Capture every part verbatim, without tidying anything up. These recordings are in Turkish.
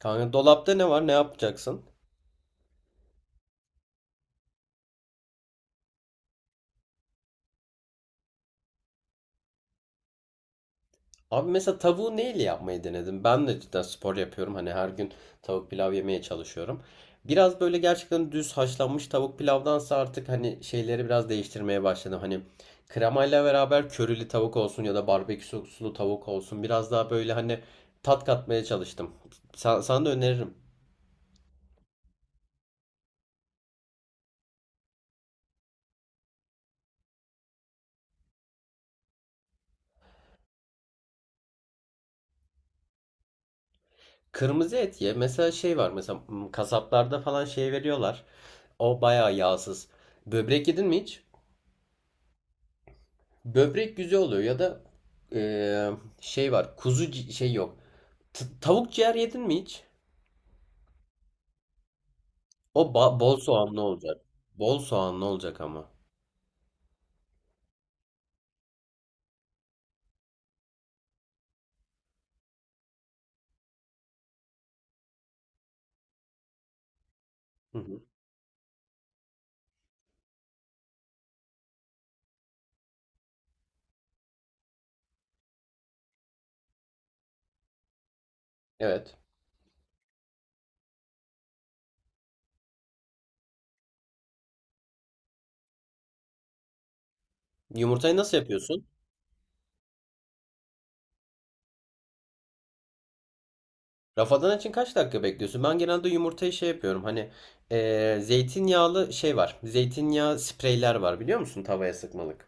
Kanka dolapta ne var? Ne yapacaksın? Abi mesela tavuğu neyle yapmayı denedim? Ben de cidden spor yapıyorum. Hani her gün tavuk pilav yemeye çalışıyorum. Biraz böyle gerçekten düz haşlanmış tavuk pilavdansa artık hani şeyleri biraz değiştirmeye başladım. Hani kremayla beraber körili tavuk olsun ya da barbekü soslu tavuk olsun. Biraz daha böyle hani tat katmaya çalıştım. Sa- sana da öneririm. Kırmızı et ye. Mesela şey var. Mesela hmm, kasaplarda falan şey veriyorlar. O bayağı yağsız. Böbrek yedin mi hiç? Böbrek güzel oluyor ya da eee, şey var. Kuzu ci- şey yok. T- tavuk ciğer yedin mi hiç? O ba- bol soğanlı olacak. Bol soğanlı olacak ama. Hı hı. Evet. Yumurtayı nasıl yapıyorsun? Rafadan için kaç dakika bekliyorsun? Ben genelde yumurtayı şey yapıyorum. Hani eee zeytinyağlı şey var. Zeytinyağı spreyler var biliyor musun? Tavaya sıkmalık.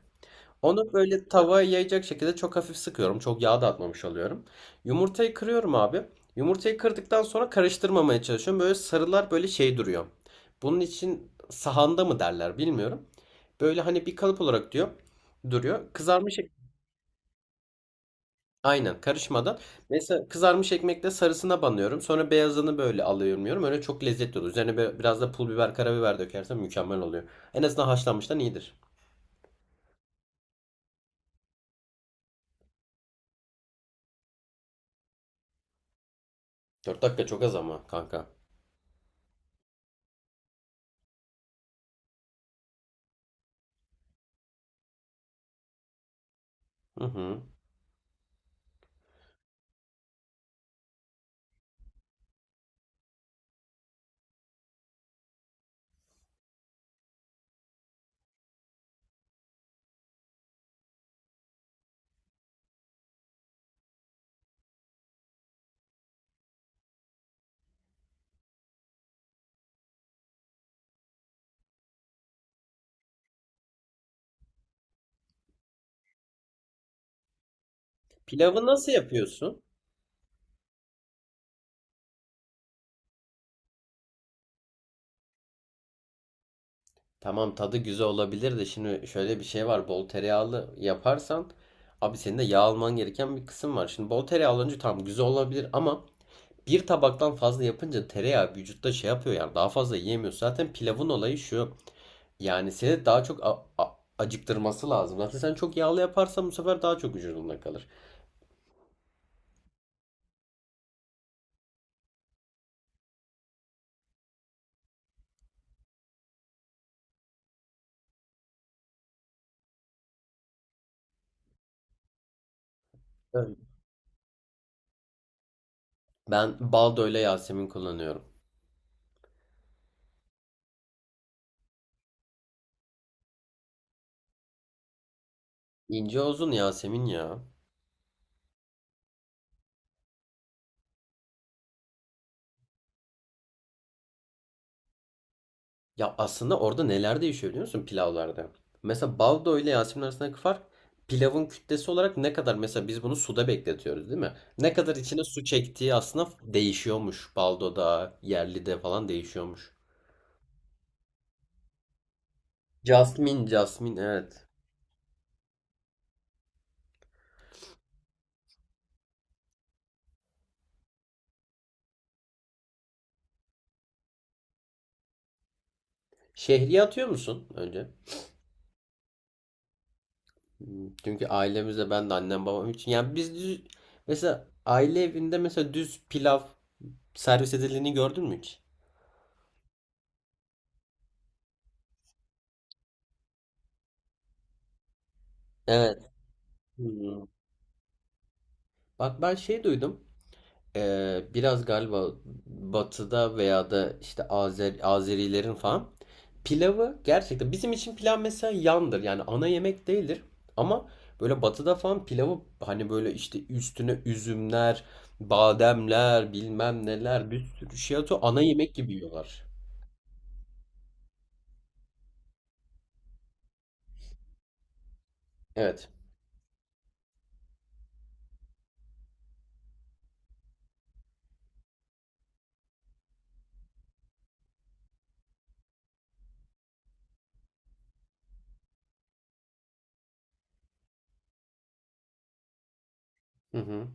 Onu böyle tavaya yayacak şekilde çok hafif sıkıyorum. Çok yağ da atmamış oluyorum. Yumurtayı kırıyorum abi. Yumurtayı kırdıktan sonra karıştırmamaya çalışıyorum. Böyle sarılar böyle şey duruyor. Bunun için sahanda mı derler bilmiyorum. Böyle hani bir kalıp olarak diyor duruyor. Kızarmış ek- aynen karışmadan. Mesela kızarmış ekmekle sarısına banıyorum. Sonra beyazını böyle alıyorum, yiyorum. Öyle çok lezzetli oluyor. Üzerine böyle biraz da pul biber, karabiber dökersen mükemmel oluyor. En azından haşlanmıştan iyidir. dört dakika çok az ama kanka. Hı hı. Pilavı nasıl yapıyorsun? Tamam tadı güzel olabilir de şimdi şöyle bir şey var. Bol tereyağlı yaparsan abi senin de yağ alman gereken bir kısım var. Şimdi bol tereyağı alınca tamam güzel olabilir ama bir tabaktan fazla yapınca tereyağı vücutta şey yapıyor, yani daha fazla yiyemiyorsun. Zaten pilavın olayı şu. Yani seni daha çok a- a- acıktırması lazım. Zaten sen çok yağlı yaparsan bu sefer daha çok vücudunda kalır. Evet. Ben baldo ile Yasemin kullanıyorum. İnce uzun Yasemin ya. Ya aslında orada neler değişiyor biliyor musun pilavlarda? Mesela baldo ile Yasemin arasındaki fark pilavın kütlesi olarak ne kadar, mesela biz bunu suda bekletiyoruz değil mi? Ne kadar içine su çektiği aslında değişiyormuş. Baldo'da, yerlide falan değişiyormuş. Jasmine, Jasmine, evet. Şehriye atıyor musun önce? Hmm, çünkü ailemizde ben de annem babam için, yani biz düz, mesela aile evinde mesela düz pilav servis edildiğini gördün mü hiç? Evet. Hmm. Bak ben şey duydum. Ee, biraz galiba batıda veya da işte Azer Azerilerin falan pilavı gerçekten bizim için pilav mesela yandır, yani ana yemek değildir ama böyle batıda falan pilavı hani böyle işte üstüne üzümler, bademler, bilmem neler bir sürü şey atıyor, ana yemek gibi yiyorlar. Evet. Hı hı.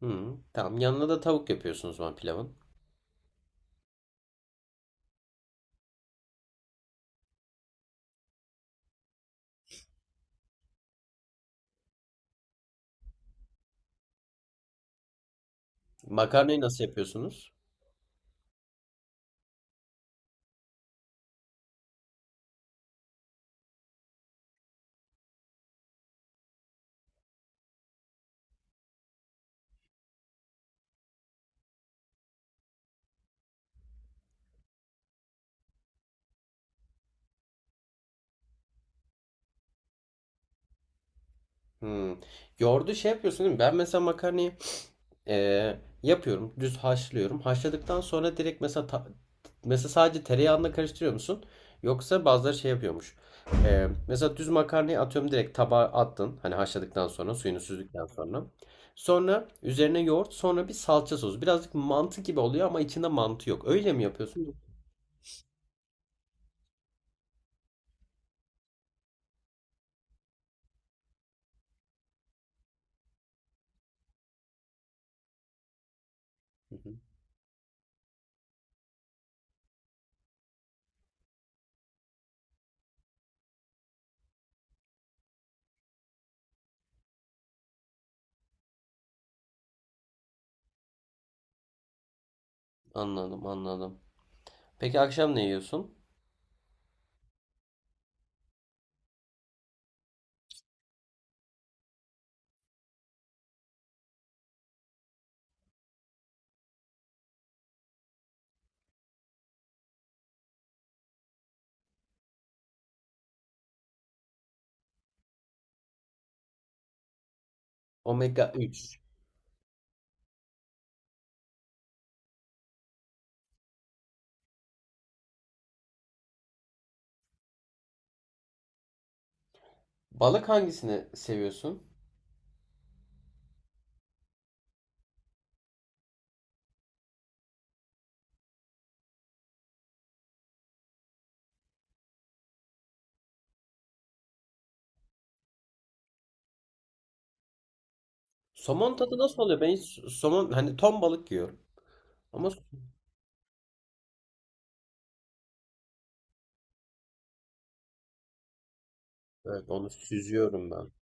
Hı hı. Tamam yanına da tavuk yapıyorsunuz o zaman pilavın. Makarnayı nasıl yapıyorsunuz? Hı. Yoğurdu şey yapıyorsun değil mi? Ben mesela makarnayı ee, yapıyorum. Düz haşlıyorum. Haşladıktan sonra direkt mesela ta- mesela sadece tereyağında karıştırıyor musun? Yoksa bazıları şey yapıyormuş. Ee, mesela düz makarnayı atıyorum direkt tabağa attın. Hani haşladıktan sonra suyunu süzdükten sonra. Sonra üzerine yoğurt, sonra bir salça sosu. Birazcık mantı gibi oluyor ama içinde mantı yok. Öyle mi yapıyorsun? Hı hı. Anladım, anladım. Peki akşam ne yiyorsun? Omega üç. Balık hangisini seviyorsun? Somon tadı nasıl oluyor? Ben hiç somon, hani ton balık yiyorum. Ama evet, onu süzüyorum ben.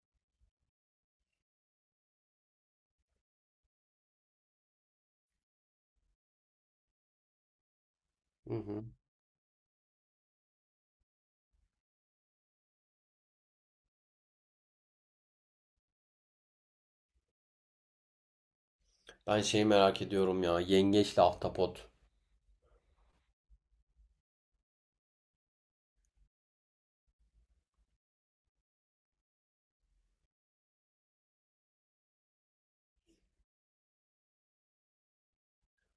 Hı hı. Ben şeyi merak ediyorum ya. Yengeçle ahtapot.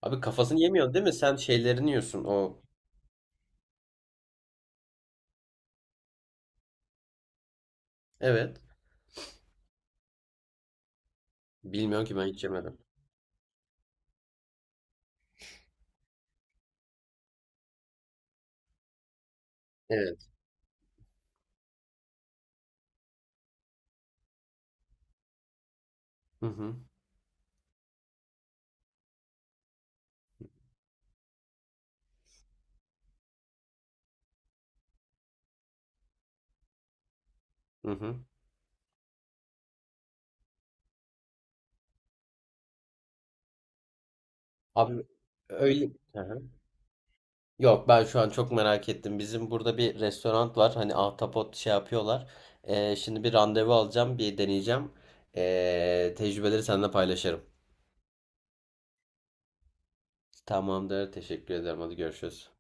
Abi kafasını yemiyorsun değil mi? Sen şeylerini yiyorsun o. Evet. Bilmiyorum ki ben hiç yemedim. Evet. Hı hı. Hı hı. Abi öyle. Hı hı. Yok ben şu an çok merak ettim. Bizim burada bir restoran var. Hani ahtapot şey yapıyorlar. Ee, şimdi bir randevu alacağım. Bir deneyeceğim. Ee, tecrübeleri seninle paylaşırım. Tamamdır. Teşekkür ederim. Hadi görüşürüz.